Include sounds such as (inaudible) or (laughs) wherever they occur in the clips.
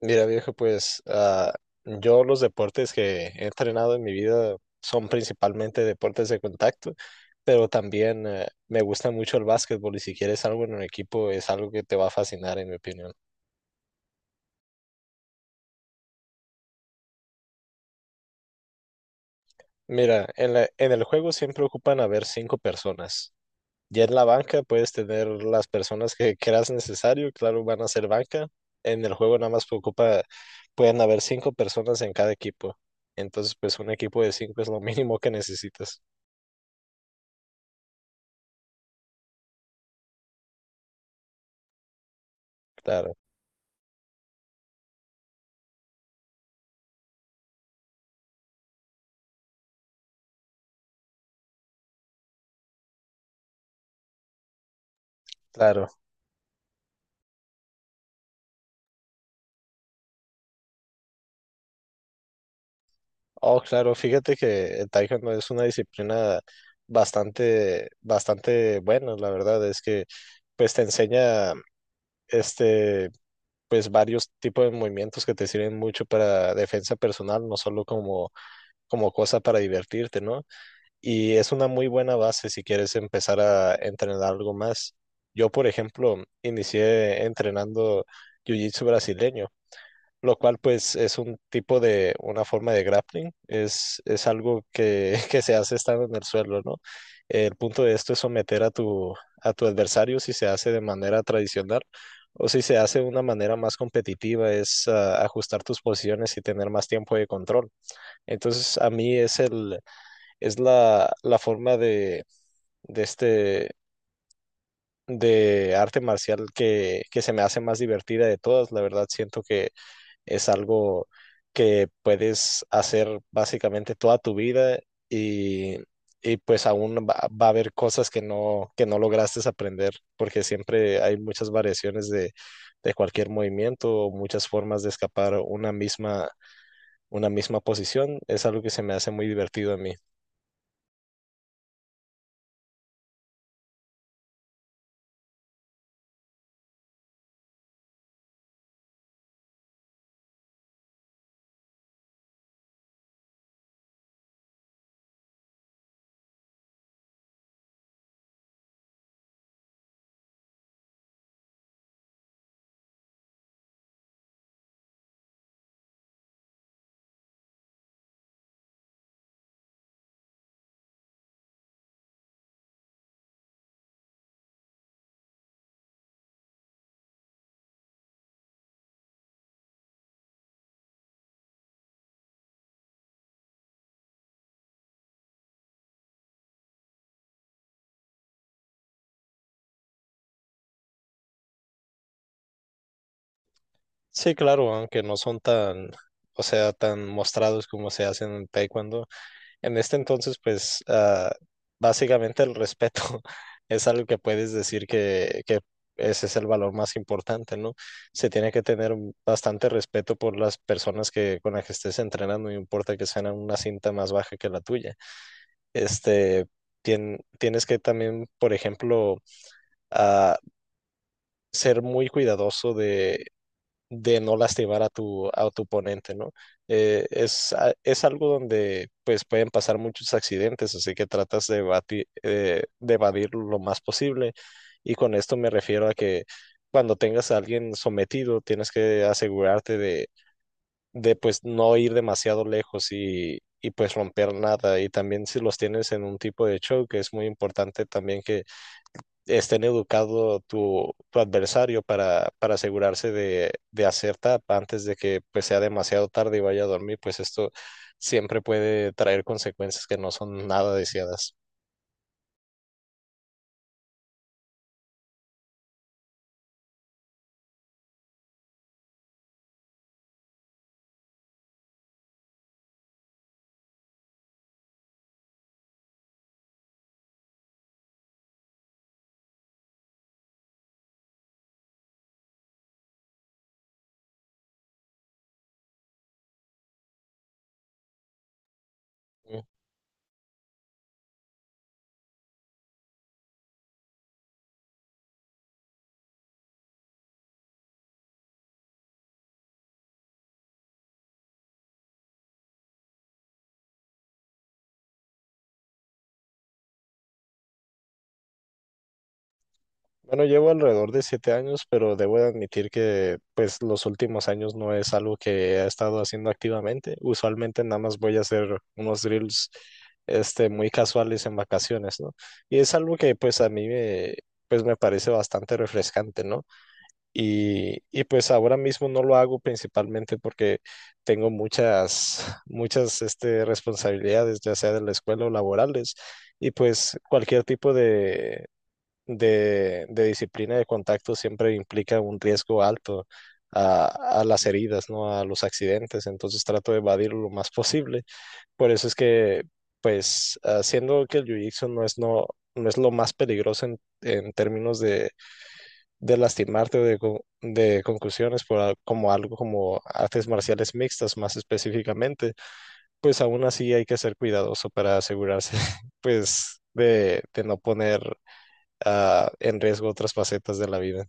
Mira, viejo, pues yo los deportes que he entrenado en mi vida son principalmente deportes de contacto, pero también me gusta mucho el básquetbol y si quieres algo en un equipo es algo que te va a fascinar, en mi opinión. Mira, en el juego siempre ocupan haber cinco personas. Ya en la banca puedes tener las personas que creas necesario, claro, van a ser banca. En el juego nada más ocupa, pueden haber cinco personas en cada equipo. Entonces, pues un equipo de cinco es lo mínimo que necesitas. Claro. Claro, oh, claro, fíjate que el taekwondo es una disciplina bastante buena, la verdad, es que pues te enseña este, pues varios tipos de movimientos que te sirven mucho para defensa personal, no solo como, como cosa para divertirte, ¿no? Y es una muy buena base si quieres empezar a entrenar algo más. Yo, por ejemplo, inicié entrenando jiu-jitsu brasileño. Lo cual pues es un tipo de, una forma de grappling, es algo que, (laughs) que se hace estando en el suelo, ¿no? El punto de esto es someter a tu adversario si se hace de manera tradicional o si se hace de una manera más competitiva, es ajustar tus posiciones y tener más tiempo de control. Entonces a mí es, el, es la, la forma de de arte marcial que se me hace más divertida de todas, la verdad siento que es algo que puedes hacer básicamente toda tu vida y, y pues aún va a haber cosas que no lograste aprender, porque siempre hay muchas variaciones de cualquier movimiento o muchas formas de escapar una misma posición. Es algo que se me hace muy divertido a mí. Sí, claro, aunque no son tan, o sea, tan mostrados como se hacen en taekwondo. En este entonces, pues básicamente el respeto (laughs) es algo que puedes decir que ese es el valor más importante, ¿no? Se tiene que tener bastante respeto por las personas con las que estés entrenando, no importa que sean una cinta más baja que la tuya. Este, tienes que también, por ejemplo, ah, ser muy cuidadoso de no lastimar a tu oponente, ¿no? Es algo donde pues pueden pasar muchos accidentes, así que tratas de, de evadir lo más posible. Y con esto me refiero a que cuando tengas a alguien sometido, tienes que asegurarte de pues no ir demasiado lejos y pues romper nada. Y también si los tienes en un tipo de choke, es muy importante también que estén educado tu adversario para asegurarse de hacer tap antes de que pues, sea demasiado tarde y vaya a dormir, pues esto siempre puede traer consecuencias que no son nada deseadas. Mm. Bueno, llevo alrededor de siete años, pero debo de admitir que pues los últimos años no es algo que he estado haciendo activamente. Usualmente nada más voy a hacer unos drills muy casuales en vacaciones, ¿no? Y es algo que pues a pues me parece bastante refrescante, ¿no? Y pues ahora mismo no lo hago principalmente porque tengo muchas responsabilidades, ya sea de la escuela o laborales, y pues cualquier tipo de disciplina de contacto siempre implica un riesgo alto a las heridas, ¿no? A los accidentes, entonces trato de evadirlo lo más posible. Por eso es que, pues, haciendo que el jiu-jitsu no no es lo más peligroso en términos de lastimarte o de, de conclusiones por como algo como artes marciales mixtas más específicamente, pues aún así hay que ser cuidadoso para asegurarse (laughs) pues de no poner en riesgo otras facetas de la vida.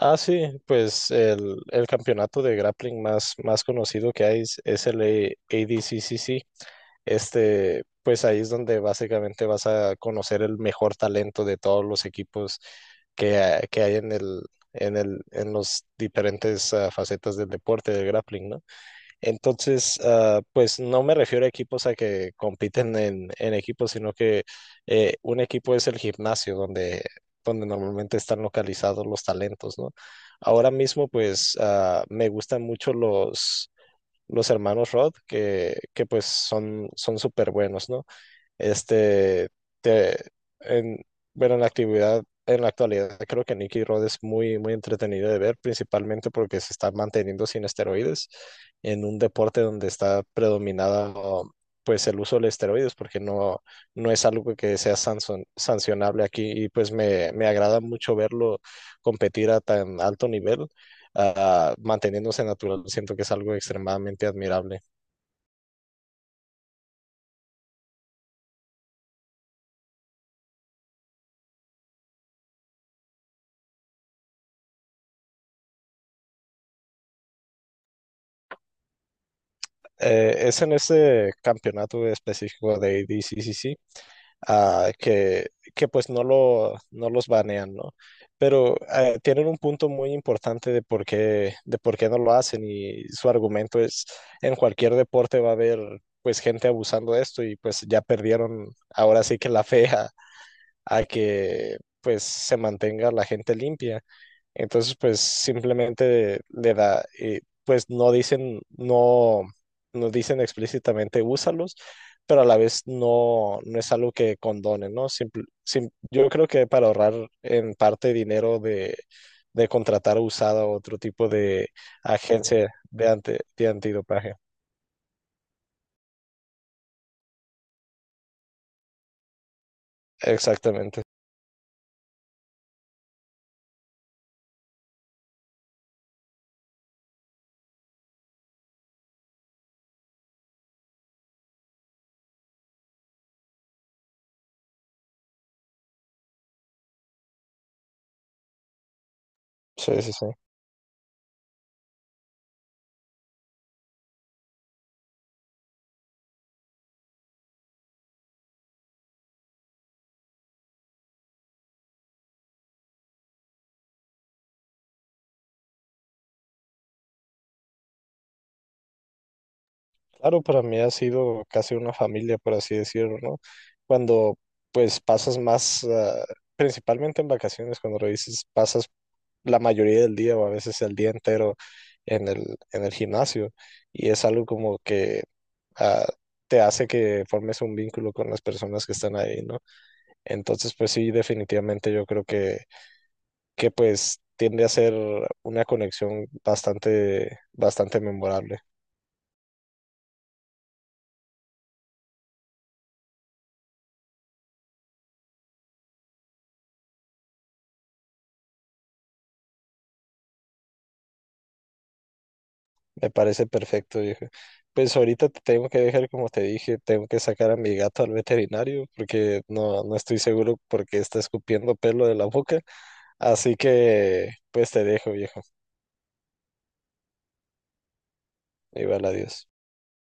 Ah, sí, pues el campeonato de grappling más conocido que hay es el ADCCC, este, pues ahí es donde básicamente vas a conocer el mejor talento de todos los equipos que, que hay en en los diferentes facetas del deporte del grappling, ¿no? Entonces, pues no me refiero a equipos a que compiten en equipos, sino que un equipo es el gimnasio donde, donde normalmente están localizados los talentos, ¿no? Ahora mismo, pues me gustan mucho los hermanos Rod, que pues son son súper buenos, ¿no? Este, te, en, bueno, en la actualidad, creo que Nicky Rod es muy entretenido de ver, principalmente porque se está manteniendo sin esteroides en un deporte donde está predominado, pues, el uso de esteroides, porque no es algo que sea sancionable aquí y pues me agrada mucho verlo competir a tan alto nivel, manteniéndose natural. Siento que es algo extremadamente admirable. Es en ese campeonato específico de ADCCC ah, que, que pues no, lo, no los banean, ¿no? Pero tienen un punto muy importante de por qué no lo hacen y su argumento es, en cualquier deporte va a haber pues gente abusando de esto y pues ya perdieron ahora sí que la fe a que pues se mantenga la gente limpia. Entonces, pues simplemente le da, pues no dicen, no, no dicen explícitamente úsalos, pero a la vez no, no es algo que condonen, ¿no? Yo creo que para ahorrar en parte dinero de contratar usada o otro tipo de agencia de, de antidopaje. Exactamente. Sí, sí, sí. Claro, para mí ha sido casi una familia, por así decirlo, ¿no? Cuando pues pasas más, principalmente en vacaciones, cuando lo dices, pasas la mayoría del día o a veces el día entero en en el gimnasio y es algo como que ah, te hace que formes un vínculo con las personas que están ahí, ¿no? Entonces, pues sí, definitivamente yo creo que pues tiende a ser una conexión bastante memorable. Me parece perfecto, viejo. Pues ahorita te tengo que dejar, como te dije, tengo que sacar a mi gato al veterinario porque no, no estoy seguro porque está escupiendo pelo de la boca. Así que, pues te dejo, viejo. Igual, adiós.